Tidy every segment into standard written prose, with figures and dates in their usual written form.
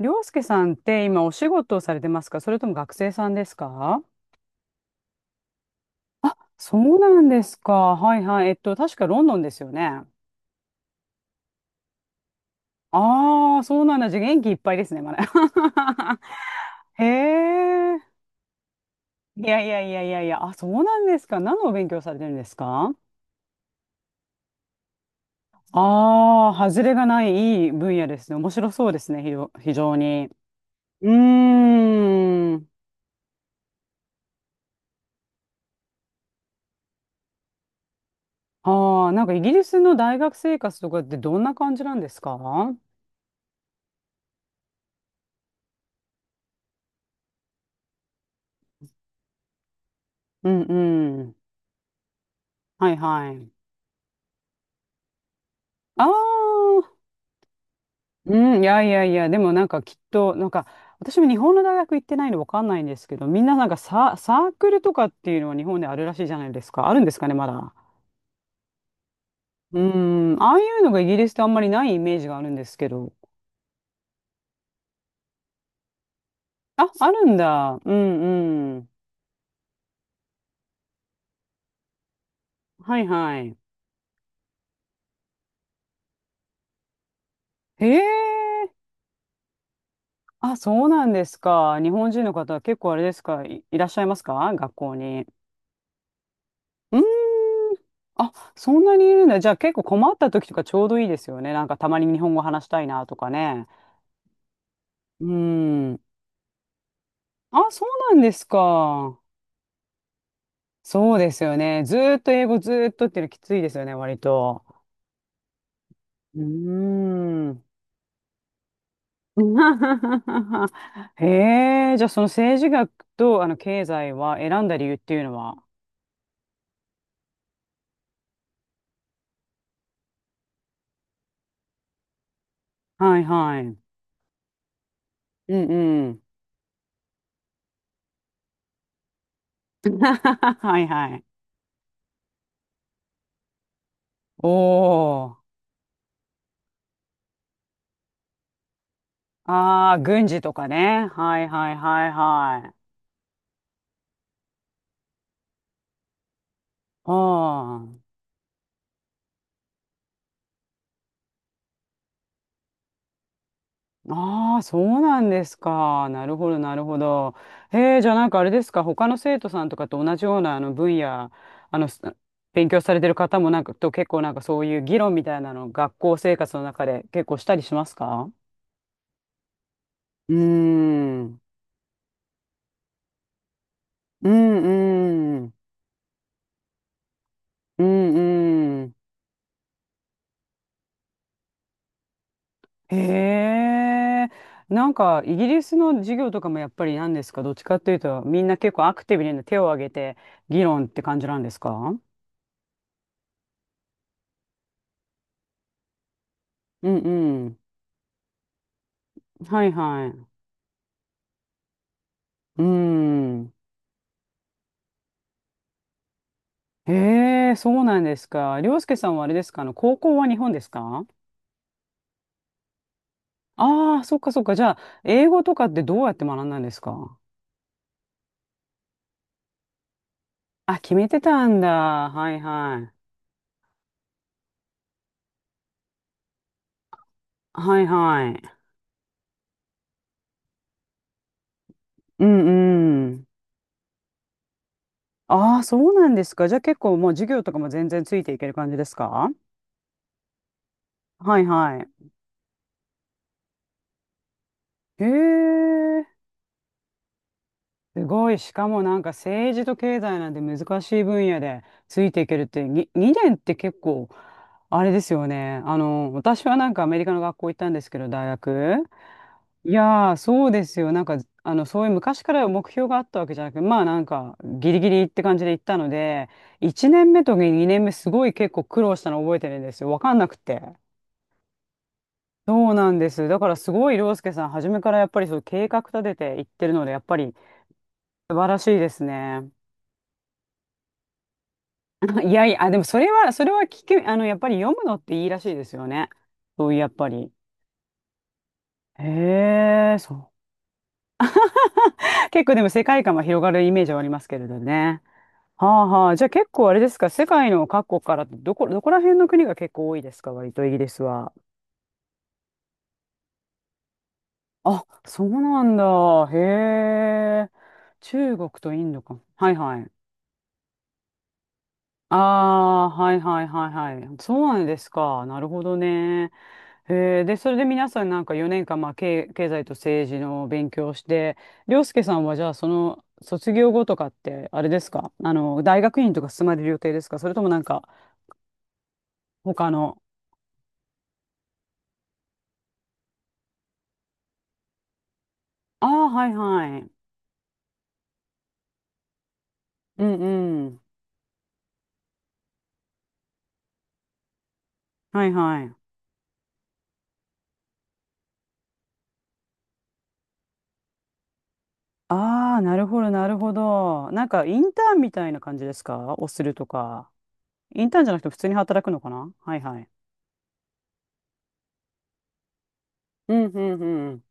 りょうすけさんって今お仕事をされてますか？それとも学生さんですか？そうなんですか。はいはい。確かロンドンですよね。ああ、そうなんだ。じゃあ元気いっぱいですね、まだ。へえ。いやいやいやいやいや。あ、そうなんですか。何のお勉強されてるんですか？ああー、外れがないいい分野ですね。面白そうですね、非常に。うーん。ああ、なんかイギリスの大学生活とかってどんな感じなんですか？うんうん。はいはい。ああ、うん、いやいやいや、でもなんかきっと、私も日本の大学行ってないのわかんないんですけど、みんななんかサークルとかっていうのは日本であるらしいじゃないですか。あるんですかね、まだ。うん、ああいうのがイギリスってあんまりないイメージがあるんですけど。あ、あるんだ。うんうん。はいはい。へえ。あ、そうなんですか。日本人の方は結構あれですか、いらっしゃいますか学校に？うーん。あ、そんなにいるんだ。じゃあ結構困った時とかちょうどいいですよね。なんかたまに日本語話したいなとかね。うーん。あ、そうなんですか。そうですよね。ずーっと英語ずーっとっていうのきついですよね、割と。うーん。へえ、じゃあその政治学と経済は選んだ理由っていうのは？はいはい。うんうん。はいはい。おー。ああ、軍事とかね。はいはいはいはい。ああ、ああ、そうなんですか。なるほど、なるほど。へえ、じゃあなんかあれですか、他の生徒さんとかと同じような分野、あの、す勉強されてる方もなんかと結構なんかそういう議論みたいなの、学校生活の中で結構したりしますか？うーん。うんうん。うんうん。へえ、なんかイギリスの授業とかもやっぱり何ですか、どっちかっていうと、みんな結構アクティブにね手を挙げて議論って感じなんですか？うんうん。はいはい。うん。へえ、そうなんですか。りょうすけさんはあれですか、高校は日本ですか？ああー、そっかそっか。じゃあ、英語とかってどうやって学んだんですか？あ、決めてたんだ。はいはい。はいはい。うんうん。ああ、そうなんですか。じゃあ結構もう授業とかも全然ついていける感じですか？はいはい。へえ、すごい。しかもなんか政治と経済なんて難しい分野でついていけるって、2年って結構、あれですよね。あの、私はなんかアメリカの学校行ったんですけど、大学。いやー、そうですよ。なんか、あの、そういう昔から目標があったわけじゃなくて、まあなんか、ギリギリって感じで行ったので、1年目と2年目すごい結構苦労したの覚えてるんですよ。わかんなくて。そうなんです。だからすごい涼介さん、初めからやっぱりそう計画立てていってるので、やっぱり素晴らしいですね。いやいや、あでもそれは、それは聞く、あの、やっぱり読むのっていいらしいですよね。そういう、やっぱり。へえ、そう。結構でも世界観は広がるイメージはありますけれどね。はあはあ。じゃあ結構あれですか、世界の各国からどこら辺の国が結構多いですか、割とイギリスは？あ、そうなんだ。へえ。中国とインドか。はいはい。ああー、はいはいはいはい。そうなんですか。なるほどね。へえ、で、それで皆さんなんか4年間、経済と政治の勉強をして、涼介さんはじゃあその卒業後とかって、あれですか大学院とか進まれる予定ですか？それともなんか、他の。ああ、はいはい。うんうん。はいはい。ああ、なるほどなるほど。なんかインターンみたいな感じですか？をするとか。インターンじゃなくて普通に働くのかな？はいはい。うんうんうん。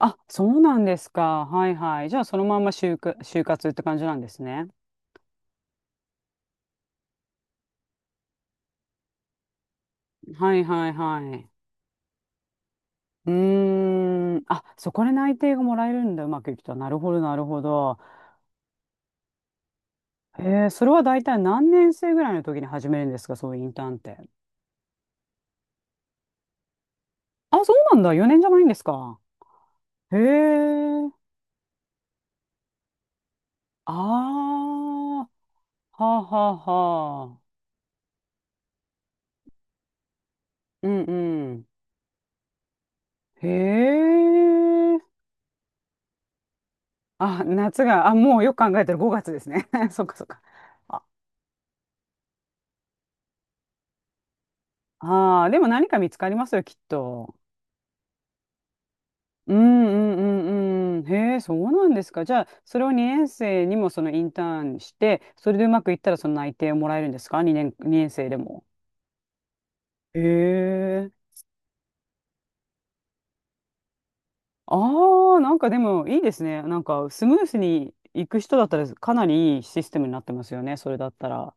あ、そうなんですか。はいはい。じゃあ、そのまんま就活って感じなんですね。はいはいはい。うーん。あ、そこで内定がもらえるんだ。うまくいくと。なるほど、なるほど。へえ、それは大体何年生ぐらいの時に始めるんですか、そういうインターンって？あ、そうなんだ。4年じゃないんですか？へえ。ああ、はあはあはあ。うんうん。へえ。あ、夏が、あ、もうよく考えたら5月ですね。そっかそっか。ああ、でも何か見つかりますよ、きっと。うんうんうんうん。へえ、そうなんですか。じゃあ、それを2年生にもそのインターンして、それでうまくいったらその内定をもらえるんですか？ 2 年、2年生でも？へえ。ああ、なんかでもいいですね。なんかスムースに行く人だったらかなりいいシステムになってますよね、それだったら。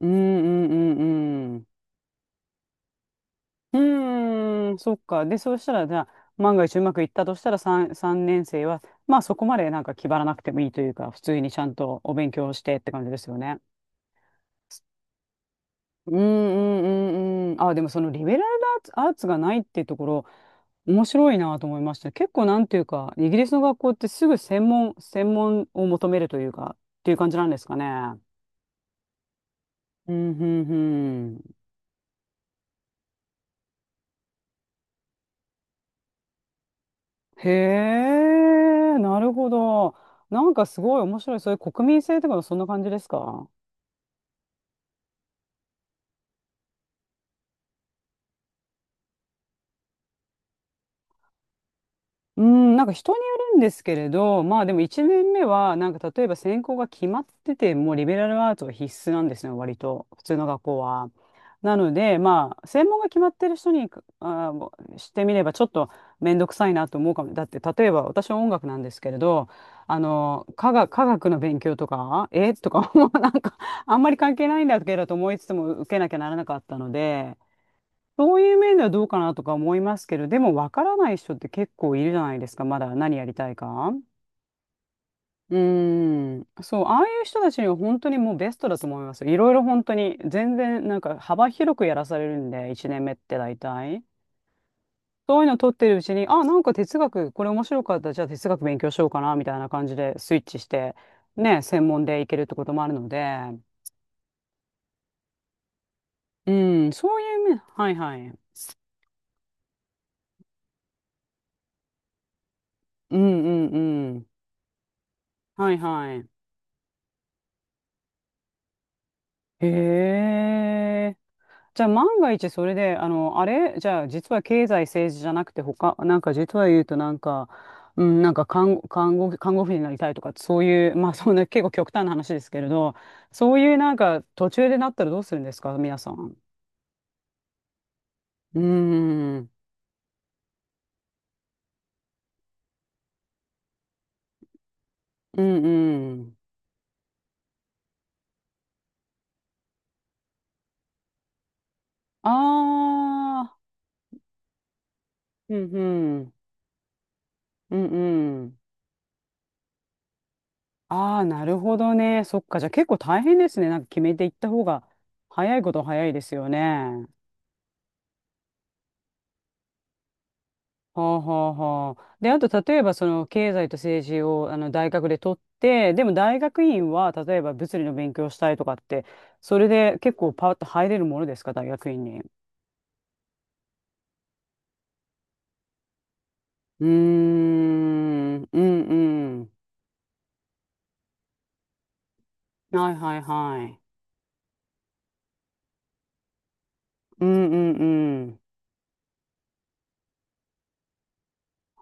うんうんうんうーん、そっか。で、そうしたら、じゃあ、万が一うまくいったとしたら3、三年生は、まあそこまでなんか気張らなくてもいいというか、普通にちゃんとお勉強してって感じですよね。うんうんうんうん。あ、でもそのリベラルアーツ、アーツがないっていうところ、面白いなと思いました。結構なんていうか、イギリスの学校ってすぐ専門を求めるというか、っていう感じなんですかね。うんうんへえ、なるほど。なんかすごい面白い。そういう国民性とかもそんな感じですか？うん、なんか人によるんですけれど、まあでも1年目は、なんか例えば専攻が決まってて、もうリベラルアーツが必須なんですね、割と、普通の学校は。なので、まあ、専門が決まってる人にしてみれば、ちょっと面倒くさいなと思うかも。だって、例えば私は音楽なんですけれど、科学の勉強とか、もう なんか、あんまり関係ないんだけどと思いつつも受けなきゃならなかったので、そういう面ではどうかなとか思いますけど、でもわからない人って結構いるじゃないですか、まだ何やりたいか。うーん。そう、ああいう人たちには本当にもうベストだと思いますよ。いろいろ本当に、全然なんか幅広くやらされるんで、1年目って大体。そういうの取ってるうちに、あ、なんか哲学、これ面白かった、じゃあ哲学勉強しようかな、みたいな感じでスイッチして、ね、専門でいけるってこともあるので、うん、そういう面、はいはい。うんうんうん。はいはい。へじゃあ万が一それで、あれ、じゃあ実は経済政治じゃなくて他、なんか実は言うとなんか、うん、なんか看護婦になりたいとか、そういう、まあそんな結構極端な話ですけれど、そういうなんか途中でなったらどうするんですか、皆さん。うーん、うんうん。ああ、うんうん、うんうん。ああ、なるほどね。そっか。じゃあ結構大変ですね。なんか決めていった方が早いことは早いですよね。はあはあはあ。で、あと、例えば、その、経済と政治を、大学で取って、でも、大学院は、例えば、物理の勉強したいとかって、それで結構パッと入れるものですか、大学院に。うーん、うんうん。はいはいはい。うんうんうん。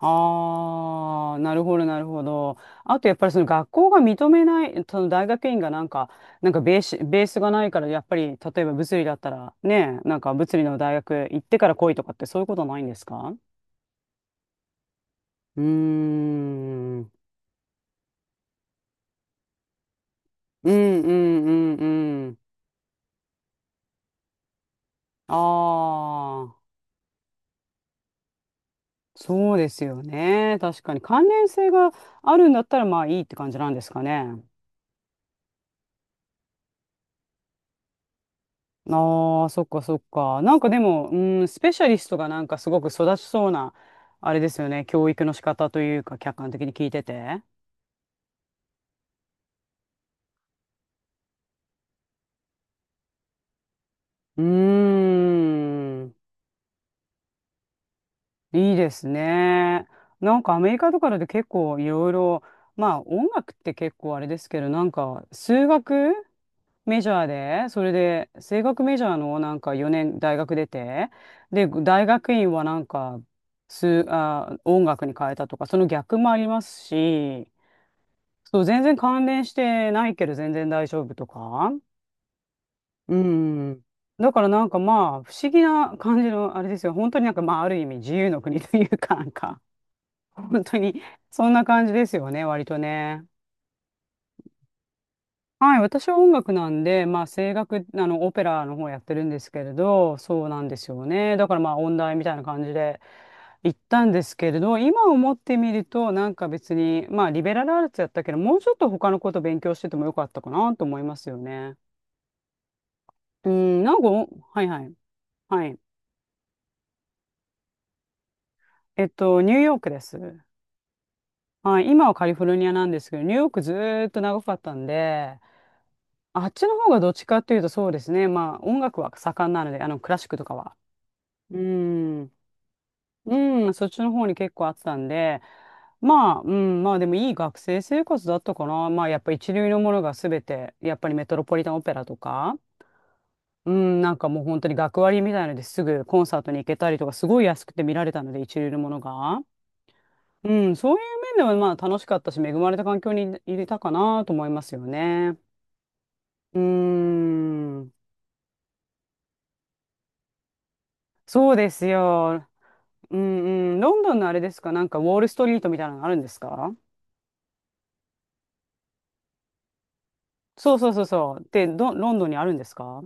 ああ、なるほど、なるほど。あと、やっぱりその学校が認めない、その大学院がなんか、ベースがないから、やっぱり、例えば物理だったら、ね、なんか物理の大学行ってから来いとかって、そういうことないんですか？うーん。うんうんうんうん。ああ、そうですよね。確かに関連性があるんだったら、まあいいって感じなんですかね。ああ、そっかそっか。なんかでも、うん、スペシャリストがなんかすごく育ちそうな、あれですよね、教育の仕方というか、客観的に聞いてて。うーん、いいですね。なんかアメリカとかだと結構いろいろ、まあ音楽って結構あれですけど、なんか数学メジャーで、それで声楽メジャーのなんか4年大学出て、で、大学院はなんか、音楽に変えたとか、その逆もありますし、そう、全然関連してないけど全然大丈夫とか。うん。だからなんかまあ、不思議な感じの、あれですよ。本当になんかまあ、ある意味自由の国というか、なんか、本当に、そんな感じですよね、割とね。はい、私は音楽なんで、まあ、声楽、オペラの方やってるんですけれど、そうなんですよね。だからまあ、音大みたいな感じで行ったんですけれど、今思ってみると、なんか別に、まあ、リベラルアーツやったけど、もうちょっと他のこと勉強しててもよかったかなと思いますよね。うん、なんかお、はいはい。はい。えっと、ニューヨークです。はい。今はカリフォルニアなんですけど、ニューヨークずーっと長かったんで、あっちの方がどっちかっていうとそうですね。まあ、音楽は盛んなので、クラシックとかは。うん。うん、そっちの方に結構あったんで、まあ、うん、まあでもいい学生生活だったかな。まあ、やっぱ一流のものが全て、やっぱりメトロポリタンオペラとか、うん、なんかもう本当に学割みたいのですぐコンサートに行けたりとか、すごい安くて見られたので、一流のものが。うん、そういう面ではまあ楽しかったし、恵まれた環境にいれたかなと思いますよね。うーん、そうですよ。うんうん、ロンドンのあれですか、なんかウォールストリートみたいなのあるんですか？そうそうそうそう。で、ど、ロンドンにあるんですか？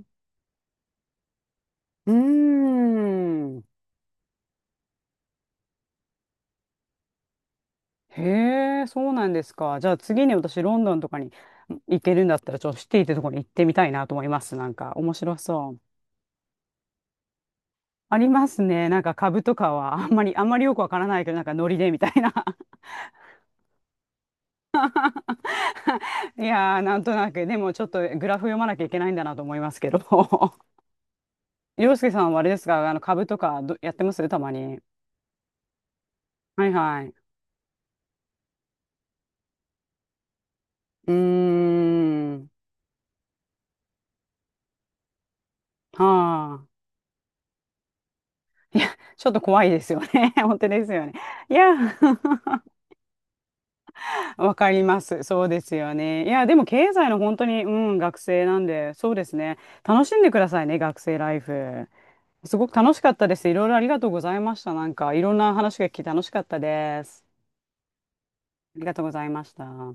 うーん。へえ、そうなんですか。じゃあ次に私ロンドンとかに行けるんだったら、ちょっとシティってとこに行ってみたいなと思います。なんか面白そう。ありますね。なんか株とかはあんまりよくわからないけど、なんかノリでみたいな。いやー、なんとなく、でもちょっとグラフ読まなきゃいけないんだなと思いますけど。洋介さんはあれですか、あの株とかどやってますたまに。はいはい。うーん。はあ。ちょっと怖いですよね。本当ですよね。いや、わかります。そうですよね。いや、でも経済の本当に、うん、学生なんで、そうですね。楽しんでくださいね、学生ライフ。すごく楽しかったです。いろいろありがとうございました。なんか、いろんな話が聞き楽しかったです。ありがとうございました。